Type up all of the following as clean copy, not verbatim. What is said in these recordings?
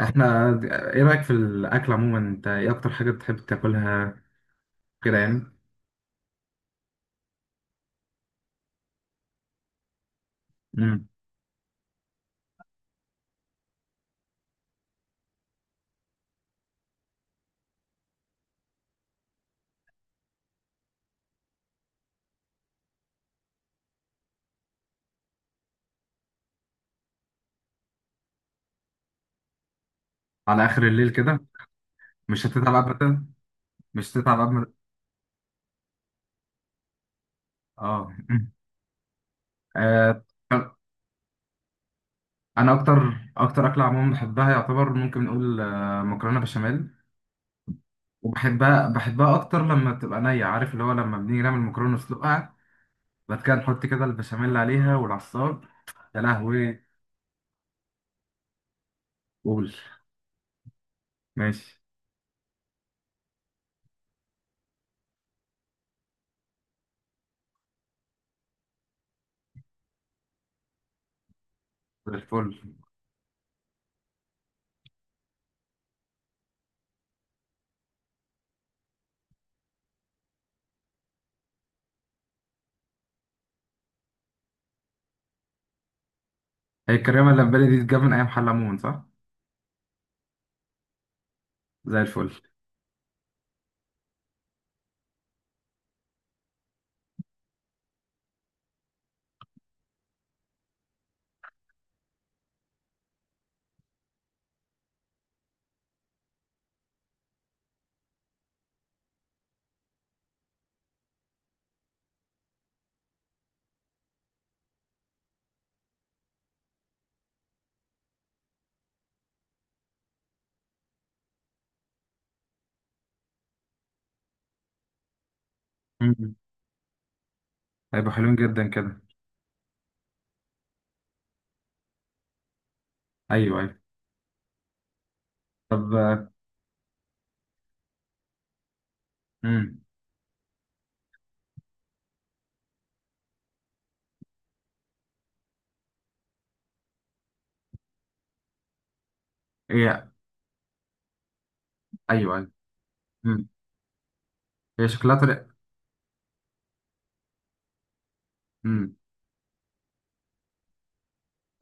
احنا ايه رأيك في الاكل عموما؟ انت ايه اكتر حاجة بتحب تاكلها كده يعني؟ امم على اخر الليل كده. مش هتتعب ابدا. مش هتتعب ابدا. اه. آه، انا اكتر اكله عموما بحبها، يعتبر ممكن نقول مكرونه بشاميل، وبحبها اكتر لما بتبقى نيه. عارف اللي هو لما بنيجي نعمل مكرونه نسلقها، بعد كده نحط كده البشاميل عليها والعصار. يا لهوي. قول. ماشي. زي الفل. هي الكريمه اللي في بالي دي اتجاب من ايام حلمون صح؟ زي الفل. هيبقوا حلوين جدا كده. ايوه ايوه. طب. امم. ايه ايوه ايوه. امم. هي شكلها طريقة. امم.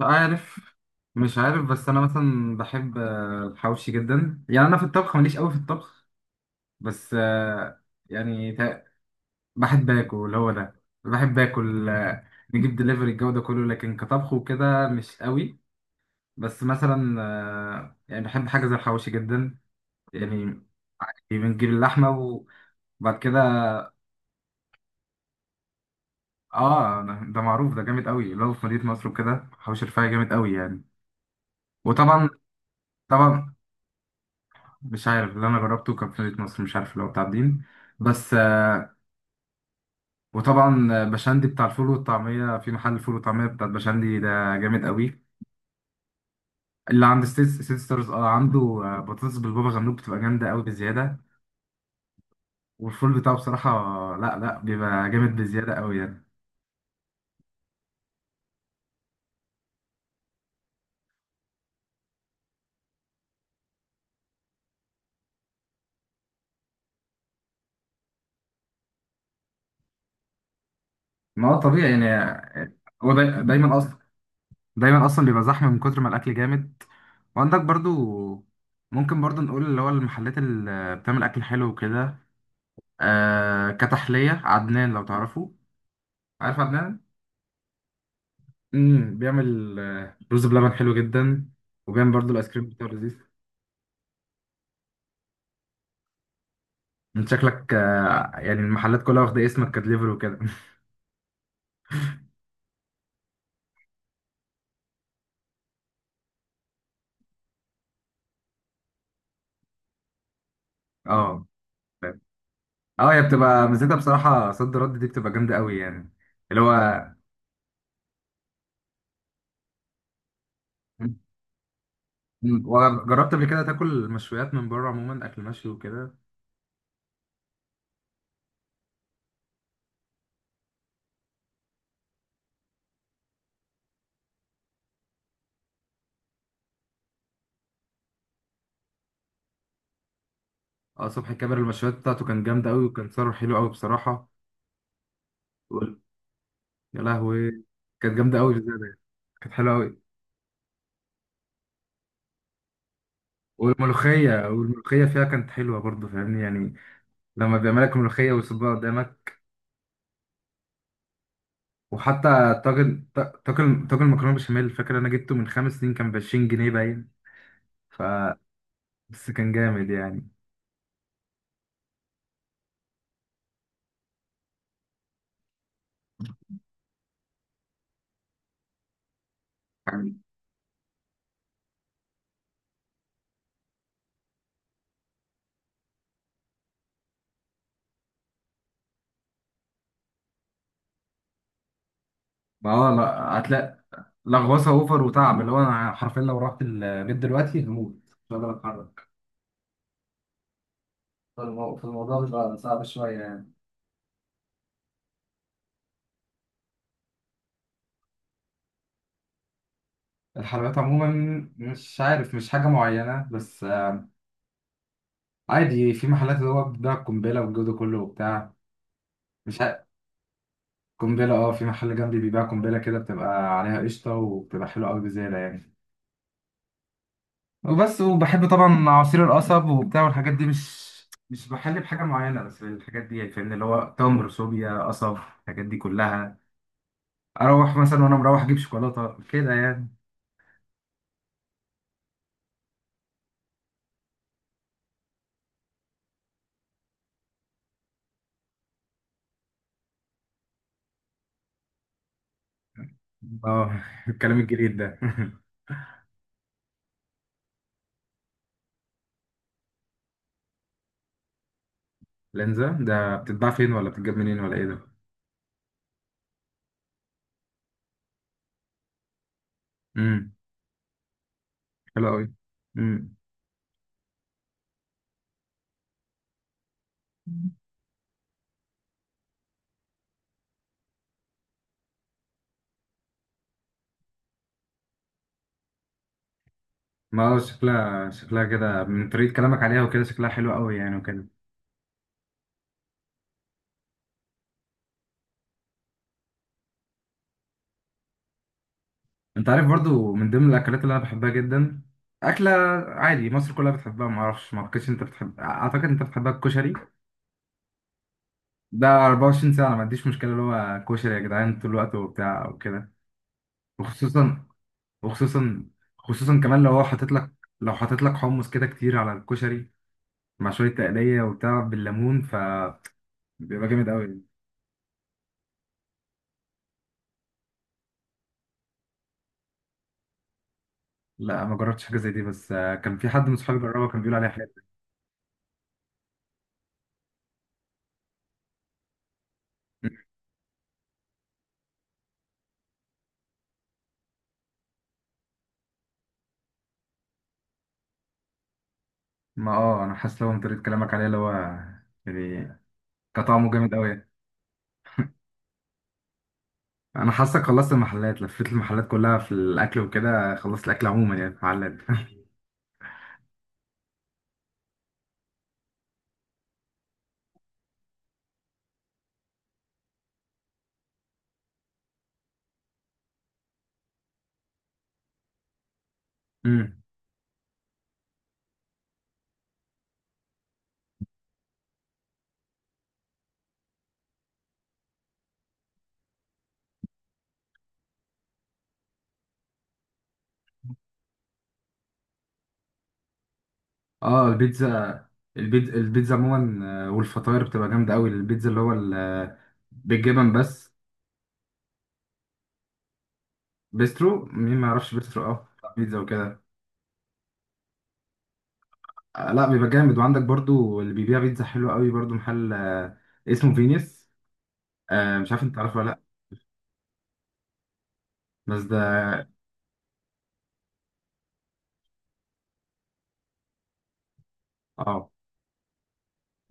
عارف، مش عارف. بس انا مثلا بحب الحواوشي جدا. يعني انا في الطبخ ماليش قوي في الطبخ. بس يعني تا- بحب اكل، هو ده، بحب اكل. نجيب دليفري الجو ده كله، لكن كطبخ وكده مش قوي. بس مثلا يعني بحب حاجه زي الحواوشي جدا يعني. بنجيب اللحمه و... بعد كده. اه، ده معروف، ده جامد قوي. اللي هو في مدينة نصر وكده، حوش الرفاعي جامد قوي يعني. وطبعا طبعا. مش عارف، اللي انا جربته كان في مدينة نصر، مش عارف اللي هو بتاع الدين. بس آه. وطبعا بشندي، بتاع الفول والطعمية، في محل فول وطعمية بتاع بشندي ده، جامد قوي. اللي عند ستيت ستارز. اه عنده بطاطس بالبابا غنوج بتبقى جامدة قوي بزيادة. والفول بتاعه بصراحة، لا لا، بيبقى جامد بزيادة قوي يعني. ما هو طبيعي يعني. دايما اصلا، دايما اصلا بيبقى زحمه من كتر ما الاكل جامد. وعندك برضو، ممكن برضو نقول اللي هو المحلات اللي بتعمل اكل حلو وكده، آه كتحليه عدنان لو تعرفه. عارف عدنان. امم. بيعمل رز بلبن حلو جدا، وبيعمل برضو الايس كريم بتاعه لذيذ. انت شكلك آه يعني المحلات كلها واخده اسمك كدليفري وكده اه اه. هي بتبقى ميزتها بصراحه صد رد، دي بتبقى جامده قوي يعني، اللي هو. مم. وجربت قبل كده تاكل مشويات من بره عموما، اكل مشوي وكده؟ اه صبحي كاميرا، المشويات بتاعته كان جامدة أوي، وكان سعره حلو أوي بصراحة. وال- يا لهوي. كانت جامدة أوي بزيادة يعني. كانت حلوة أوي. والملوخية، والملوخية فيها كانت حلوة برضه، فاهمني يعني؟ لما بيعملك ملوخية ويصبها قدامك. وحتى طاجن طاجن مكرونة بشاميل، فاكر أنا جبته من خمس سنين كان ب 20 جنيه باين. ف بس كان جامد يعني. ما هو لا، هتلاقي لغوصه اوفر وتعب. اللي هو انا حرفيا لو رحت البيت دلوقتي هموت، مش هقدر اتحرك. فالموضوع بيبقى صعب شويه. الحلويات عموما مش عارف، مش حاجة معينة، بس عادي في محلات اللي هو بتبيع قنبلة والجو ده كله وبتاع. مش عارف. قنبلة، اه في محل جنبي بيبيع قنبلة كده، بتبقى عليها قشطة وبتبقى حلوة أوي بزيادة يعني. وبس. وبحب طبعا عصير القصب وبتاع، والحاجات دي. مش بحل بحاجة معينة، بس الحاجات دي، يعني فاهمني اللي هو تمر، صوبيا، قصب، الحاجات دي كلها. أروح مثلا وأنا مروح أجيب شوكولاتة كده يعني. اه الكلام الجديد ده لانزا ده بتتباع فين، ولا بتتجاب منين، ولا ايه؟ ده؟ حلو قوي. امم. ما هو شكلها، شكلها كده من طريقة كلامك عليها وكده شكلها حلو قوي يعني وكده. انت عارف برضو من ضمن الاكلات اللي انا بحبها جدا، اكلة عادي مصر كلها بتحبها، ما اعرفش، ما اعتقدش انت بتحب، اعتقد انت بتحبها، الكشري. ده 24 ساعة انا ما عنديش مشكلة اللي هو كشري يا جدعان طول الوقت وبتاع وكده. وخصوصا، وخصوصا خصوصا كمان لو هو حاطط لك، لو حاطط لك حمص كده كتير على الكشري، مع شوية تقلية وبتاع بالليمون، فبيبقى جامد قوي. لا، ما جربتش حاجه زي دي، بس كان في حد من صحابي جربها، كان بيقول عليها حلو. ما اه انا حاسس لو من طريقه كلامك عليه اللي هو يعني كطعمه جامد قوي. انا حاسك خلصت المحلات، لفيت المحلات كلها في الاكل وكده، خلصت الاكل عموما يعني في المحلات أمم. اه البيتزا. البيتزا، البيتزا عموما والفطاير بتبقى جامده قوي. البيتزا اللي هو بالجبن بس. بيسترو، مين ما يعرفش بيسترو؟ اه، بيتزا وكده. لا بيبقى جامد. وعندك برضو اللي بيبيع بيتزا حلوه قوي برضو، محل اسمه فينيس. آه مش عارف انت عارفه ولا لا. بس ده. اه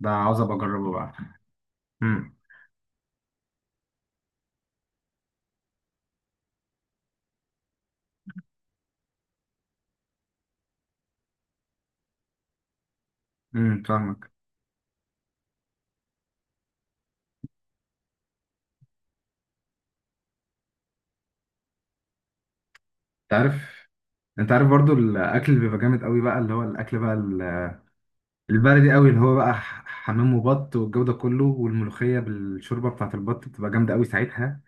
ده عاوز ابقى اجربه بقى. امم. فاهمك. انت عارف. انت عارف برضو الاكل اللي بيبقى جامد قوي بقى، اللي هو الاكل بقى البلدي قوي، اللي هو بقى حمام وبط والجو ده كله، والملوخيه بالشوربه بتاعت البط بتبقى جامده قوي ساعتها.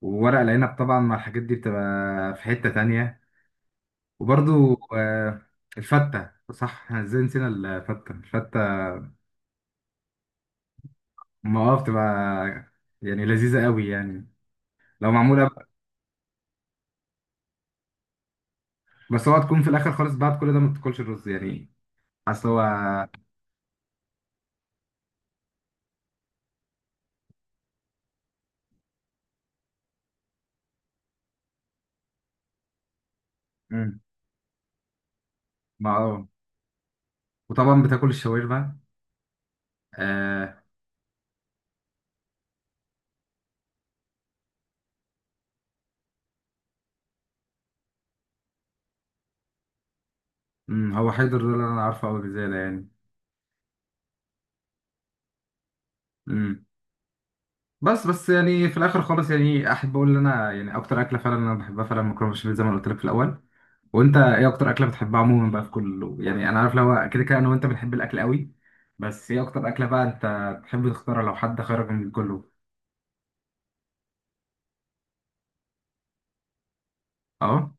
وورق العنب طبعا مع الحاجات دي بتبقى في حته تانية. وبرضو آه الفته، صح؟ احنا ازاي نسينا الفته؟ الفته ما اه بتبقى يعني لذيذه قوي يعني، لو معموله. بس هو تكون في الاخر خالص بعد كل ده ما بتاكلش الرز يعني، اصل هو. مم. ما اه. وطبعا بتاكل الشاورما. آه. أمم، هو حيدر ده اللي انا عارفه قوي بزياده يعني. امم. بس بس يعني في الاخر خالص، يعني احب اقول ان انا يعني اكتر اكله فعلا انا بحبها فعلا مكرونه بشاميل، زي ما أنا قلت لك في الاول. وانت ايه اكتر اكله بتحبها عموما بقى في كله؟ يعني انا عارف لو كده انا وانت بنحب الاكل قوي، بس ايه اكتر اكله بقى انت تحب تختارها لو حد خيرك من كله؟ اه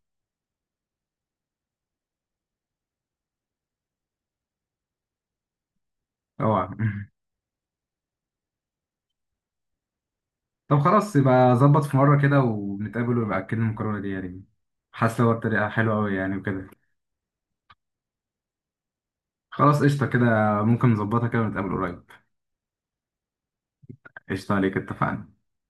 اوعى طب خلاص، يبقى ظبط في مرة كده ونتقابل ويبقى أكلنا المكرونة دي يعني. حاسس هو الطريقة حلوة أوي يعني وكده. خلاص قشطة كده. ممكن نظبطها كده ونتقابل قريب. قشطة عليك، اتفقنا.